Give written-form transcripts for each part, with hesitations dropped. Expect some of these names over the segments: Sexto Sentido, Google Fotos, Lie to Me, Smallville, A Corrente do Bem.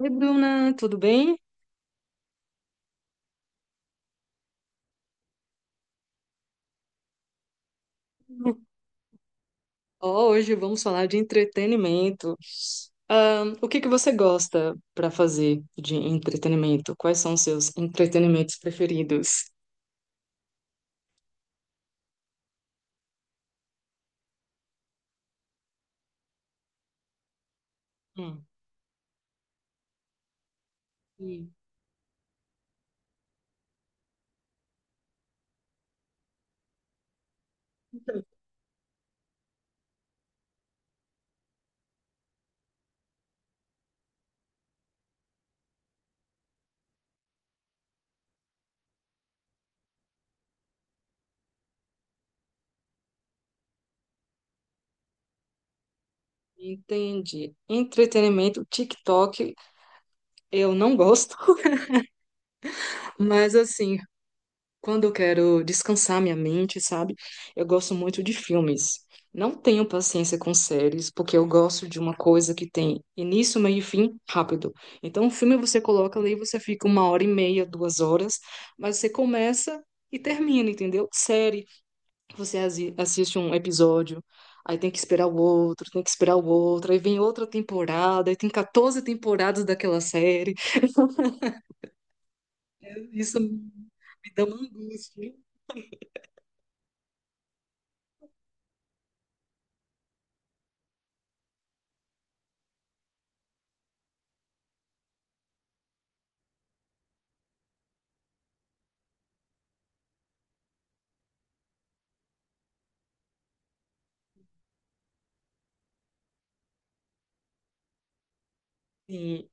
Oi, Bruna, tudo bem? Ó, hoje vamos falar de entretenimento. O que que você gosta para fazer de entretenimento? Quais são os seus entretenimentos preferidos? Hum, hum, entendi. Entretenimento, TikTok, eu não gosto, mas assim, quando eu quero descansar minha mente, sabe? Eu gosto muito de filmes. Não tenho paciência com séries, porque eu gosto de uma coisa que tem início, meio e fim rápido. Então, um filme você coloca ali, você fica uma hora e meia, duas horas, mas você começa e termina, entendeu? Série, você assiste um episódio, aí tem que esperar o outro, tem que esperar o outro, aí vem outra temporada, aí tem 14 temporadas daquela série. Isso me dá uma angústia. Sim.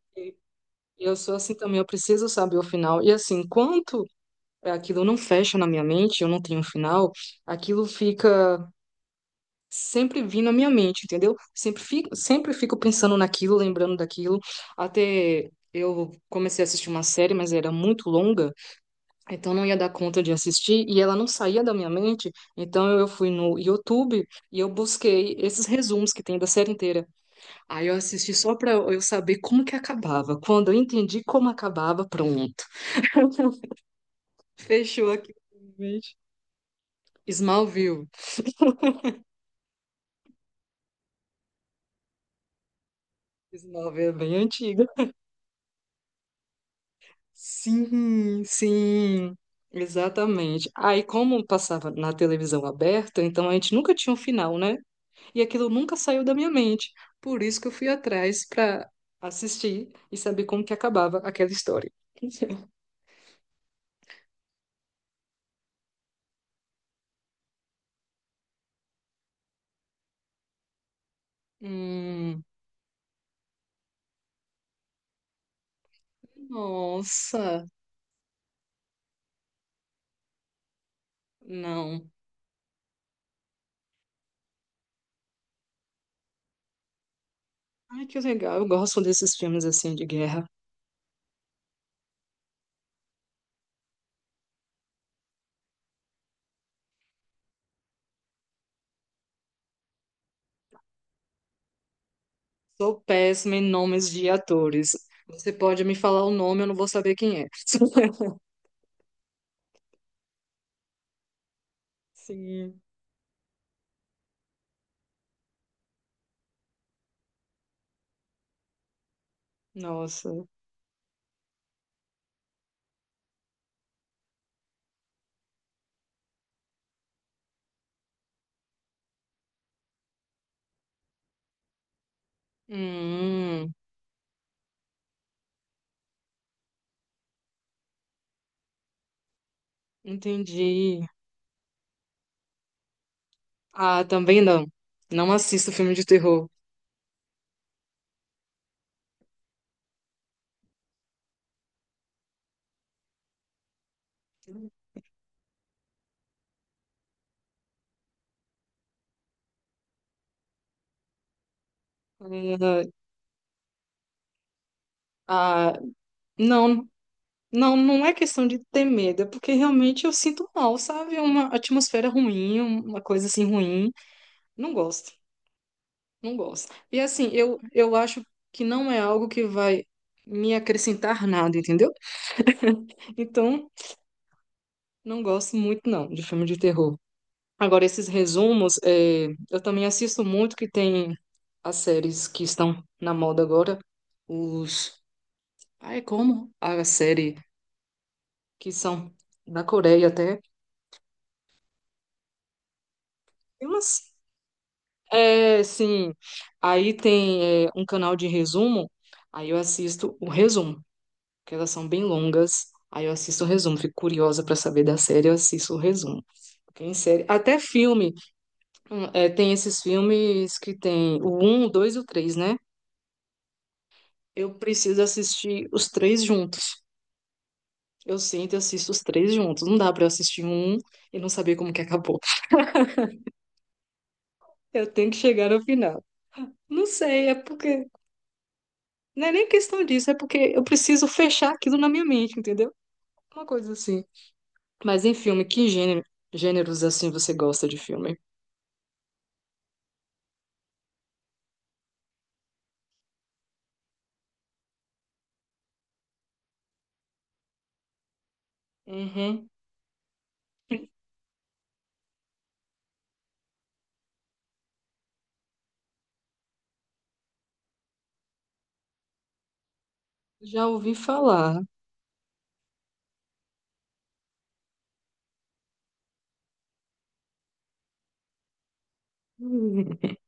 Eu sou assim também, eu preciso saber o final. E assim, enquanto aquilo não fecha na minha mente, eu não tenho um final, aquilo fica sempre vindo à minha mente, entendeu? Sempre fico pensando naquilo, lembrando daquilo. Até eu comecei a assistir uma série, mas era muito longa, então não ia dar conta de assistir e ela não saía da minha mente. Então eu fui no YouTube e eu busquei esses resumos que tem da série inteira. Aí eu assisti só pra eu saber como que acabava. Quando eu entendi como acabava, pronto. Fechou aqui, infelizmente. Smallville. Smallville é bem antiga. Sim, sim, exatamente. Aí, como passava na televisão aberta, então a gente nunca tinha um final, né? E aquilo nunca saiu da minha mente. Por isso que eu fui atrás para assistir e saber como que acabava aquela história. Hum, nossa, não. Ai, que legal. Eu gosto desses filmes assim de guerra. Sou péssima em nomes de atores. Você pode me falar o nome, eu não vou saber quem é. Sim, nossa. Hum, entendi. Ah, também não. Não assisto filme de terror. Ah, ah, não, não, não é questão de ter medo, é porque realmente eu sinto mal, sabe? É uma atmosfera ruim, uma coisa assim ruim. Não gosto, não gosto. E assim, eu acho que não é algo que vai me acrescentar nada, entendeu? Então, não gosto muito, não, de filme de terror. Agora, esses resumos, é, eu também assisto muito que tem as séries que estão na moda agora. Os. Ah, é como? A série que são da Coreia até. Tem umas. É, sim. Aí tem é, um canal de resumo. Aí eu assisto o resumo, que elas são bem longas. Aí eu assisto o resumo. Fico curiosa para saber da série, eu assisto o resumo. Porque em série. Até filme. É, tem esses filmes que tem o um o 2 e o 3 né? Eu preciso assistir os três juntos. Eu sinto e assisto os três juntos. Não dá pra eu assistir um e não saber como que acabou. Eu tenho que chegar ao final. Não sei, é porque. Não é nem questão disso, é porque eu preciso fechar aquilo na minha mente, entendeu? Uma coisa assim. Mas em filme, que gênero, gêneros assim você gosta de filme? Uhum. Já ouvi falar.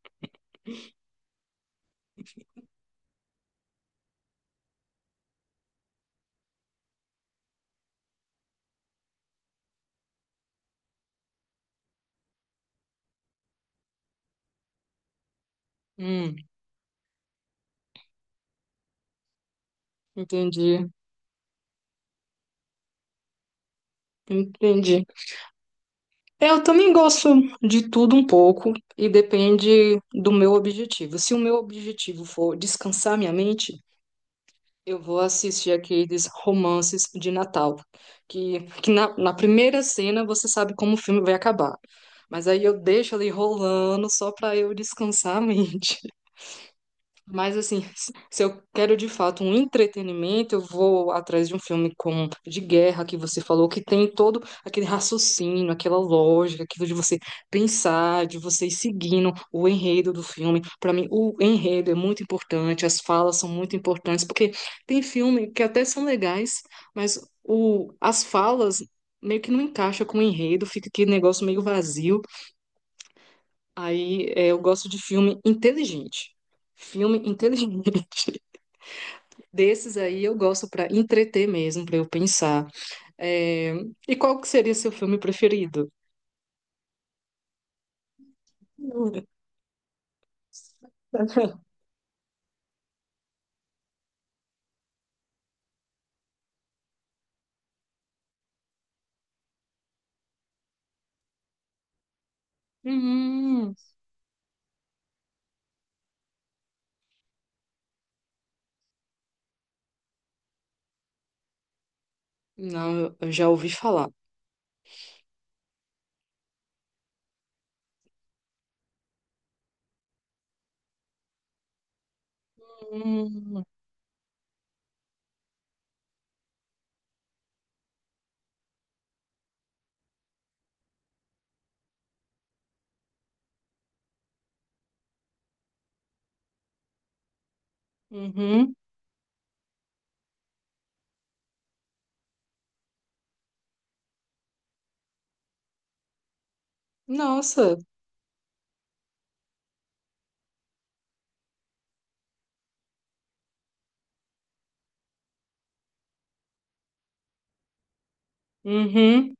Hum, hum, entendi, entendi. É, eu também gosto de tudo um pouco e depende do meu objetivo. Se o meu objetivo for descansar minha mente, eu vou assistir aqueles romances de Natal, que na primeira cena você sabe como o filme vai acabar. Mas aí eu deixo ali rolando só para eu descansar a mente. Mas assim, se eu quero de fato um entretenimento, eu vou atrás de um filme como de guerra que você falou, que tem todo aquele raciocínio, aquela lógica, aquilo de você pensar, de você ir seguindo o enredo do filme. Para mim, o enredo é muito importante, as falas são muito importantes, porque tem filme que até são legais, mas as falas meio que não encaixa com o enredo, fica aquele negócio meio vazio. Aí, é, eu gosto de filme inteligente. Filme inteligente. Desses aí eu gosto para entreter mesmo, para eu pensar. É, e qual que seria seu filme preferido? Hum, não, eu já ouvi falar. Hum, Uhum. Nossa. Uhum.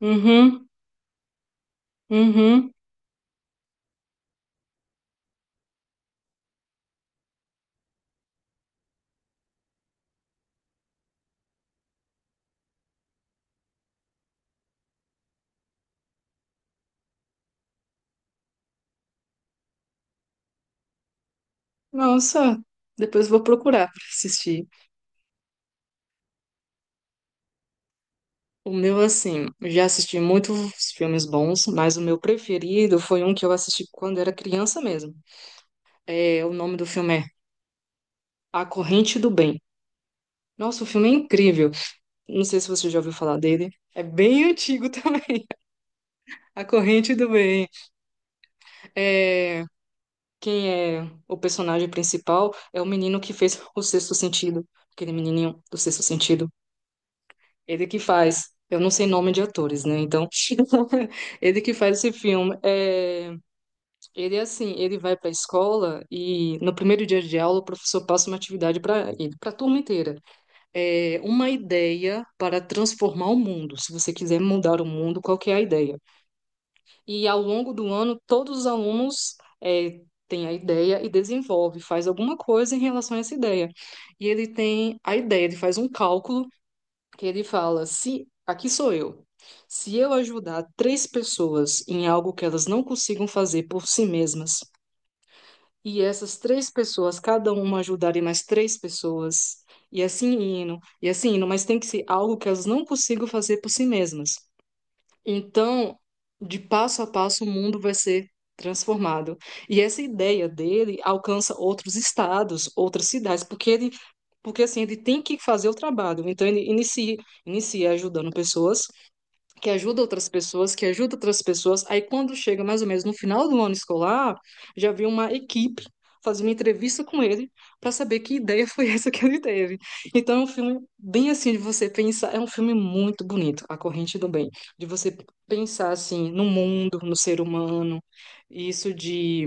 Uhum. Uhum. Nossa. Depois eu vou procurar para assistir. O meu, assim, eu já assisti muitos filmes bons, mas o meu preferido foi um que eu assisti quando era criança mesmo. É, o nome do filme é A Corrente do Bem. Nossa, o filme é incrível. Não sei se você já ouviu falar dele. É bem antigo também. A Corrente do Bem. É, quem é o personagem principal é o menino que fez O Sexto Sentido. Aquele menininho do Sexto Sentido. Ele que faz. Eu não sei nome de atores, né? Então, ele que faz esse filme. É, ele é assim, ele vai para a escola e no primeiro dia de aula o professor passa uma atividade para ele, para a turma inteira. É, uma ideia para transformar o mundo. Se você quiser mudar o mundo, qual que é a ideia? E ao longo do ano, todos os alunos é, têm a ideia e desenvolve, faz alguma coisa em relação a essa ideia. E ele tem a ideia, ele faz um cálculo que ele fala: se aqui sou eu. Se eu ajudar três pessoas em algo que elas não consigam fazer por si mesmas, e essas três pessoas, cada uma ajudarem mais três pessoas, e assim e assim indo, mas tem que ser algo que elas não consigam fazer por si mesmas. Então, de passo a passo, o mundo vai ser transformado. E essa ideia dele alcança outros estados, outras cidades, porque ele, porque assim, ele tem que fazer o trabalho. Então, inicia ajudando pessoas que ajuda outras pessoas, que ajuda outras pessoas. Aí quando chega mais ou menos no final do ano escolar, já vi uma equipe fazer uma entrevista com ele para saber que ideia foi essa que ele teve. Então é um filme bem assim de você pensar, é um filme muito bonito, A Corrente do Bem, de você pensar assim no mundo, no ser humano, isso de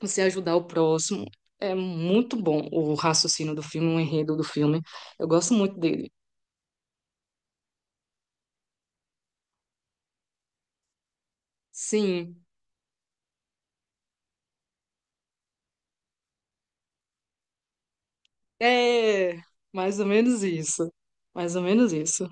você ajudar o próximo. É muito bom o raciocínio do filme, o enredo do filme. Eu gosto muito dele. Sim, é, mais ou menos isso. Mais ou menos isso.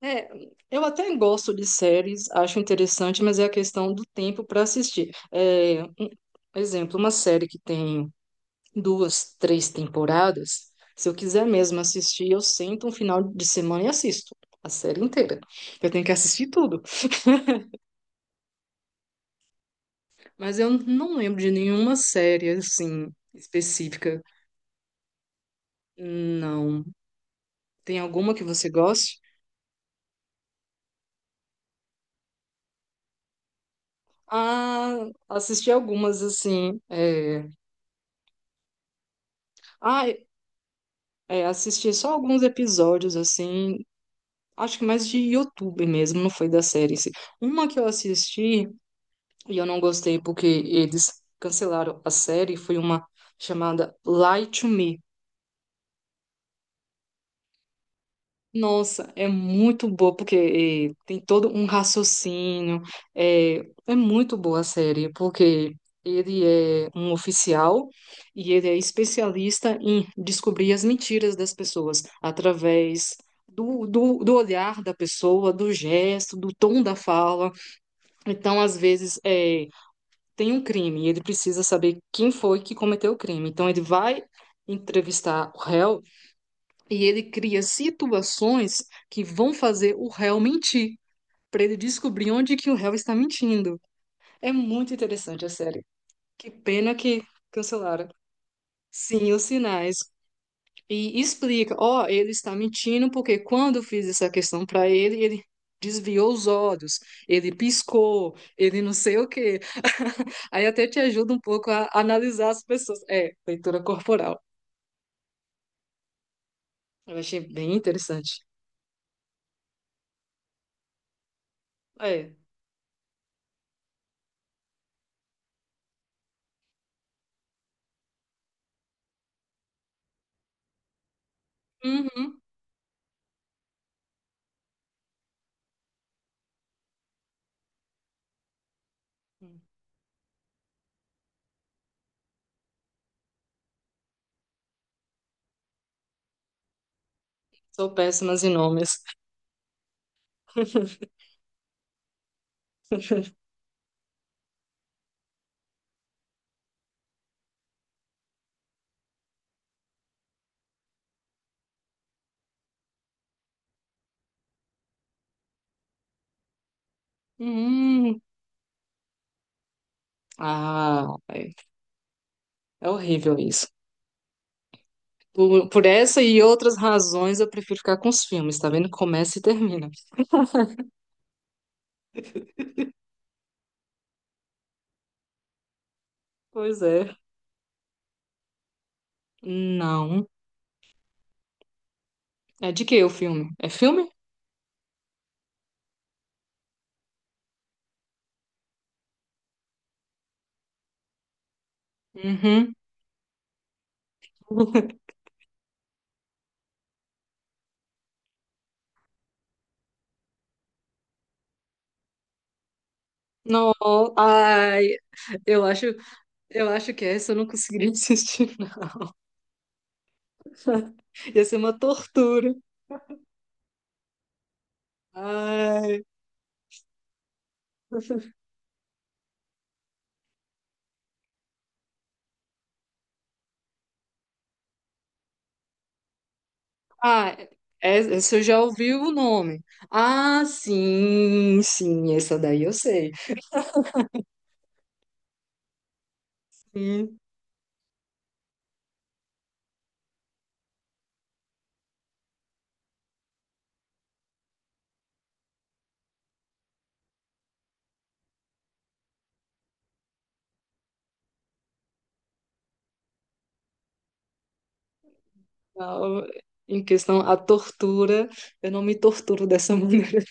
É, eu até gosto de séries, acho interessante, mas é a questão do tempo para assistir. É, um exemplo, uma série que tem duas, três temporadas, se eu quiser mesmo assistir, eu sento um final de semana e assisto a série inteira. Eu tenho que assistir tudo. Mas eu não lembro de nenhuma série assim específica. Não. Tem alguma que você goste? Ah, assisti algumas, assim. É... Ah, é, assisti só alguns episódios, assim. Acho que mais de YouTube mesmo, não foi da série em si. Uma que eu assisti e eu não gostei porque eles cancelaram a série foi uma chamada Lie to Me. Nossa, é muito boa, porque tem todo um raciocínio. É, é muito boa a série, porque ele é um oficial e ele é especialista em descobrir as mentiras das pessoas através do olhar da pessoa, do gesto, do tom da fala. Então, às vezes, tem um crime e ele precisa saber quem foi que cometeu o crime. Então, ele vai entrevistar o réu. E ele cria situações que vão fazer o réu mentir, para ele descobrir onde que o réu está mentindo. É muito interessante a série. Que pena que cancelaram. Sim, os sinais. E explica, ó, ele está mentindo porque quando eu fiz essa questão para ele, ele desviou os olhos, ele piscou, ele não sei o quê. Aí até te ajuda um pouco a analisar as pessoas. É, leitura corporal. Eu achei bem interessante. É. Uhum. Sou péssimas em nomes. Hum, ah, é horrível isso. Por essa e outras razões, eu prefiro ficar com os filmes, tá vendo? Começa e termina. Pois é. Não. É de que o filme? É filme? Uhum. Não, ai, eu acho, eu acho que essa eu não conseguiria assistir. Não. Ia ser uma tortura. Ai. Ah, essa eu já ouvi o nome. Ah, sim, sim, essa daí eu sei. Sim, não, em questão à tortura, eu não me torturo dessa maneira.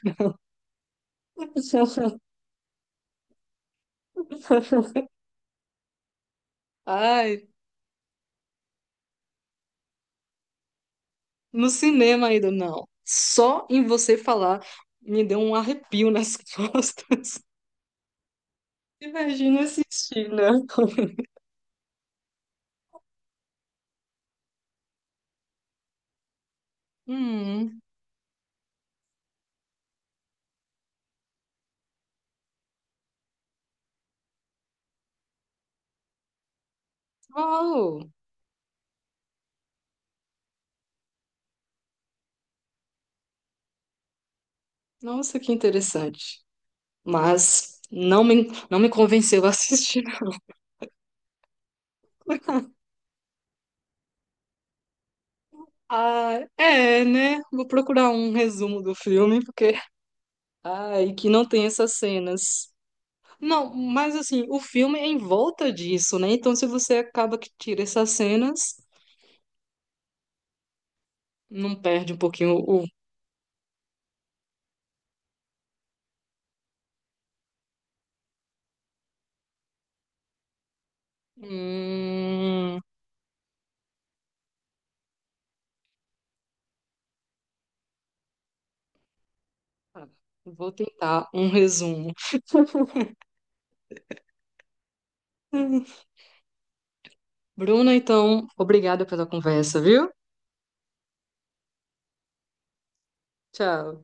Ai, no cinema ainda não. Só em você falar me deu um arrepio nas costas. Imagina assistir, né? Hum, uau! Nossa, que interessante. Mas não me convenceu a assistir. Ah, é, né? Vou procurar um resumo do filme, porque. Ai, que não tem essas cenas. Não, mas assim, o filme é em volta disso, né? Então, se você acaba que tira essas cenas, não perde um pouquinho o. Hum... ah, vou tentar um resumo. Bruna, então, obrigada pela conversa, viu? Tchau.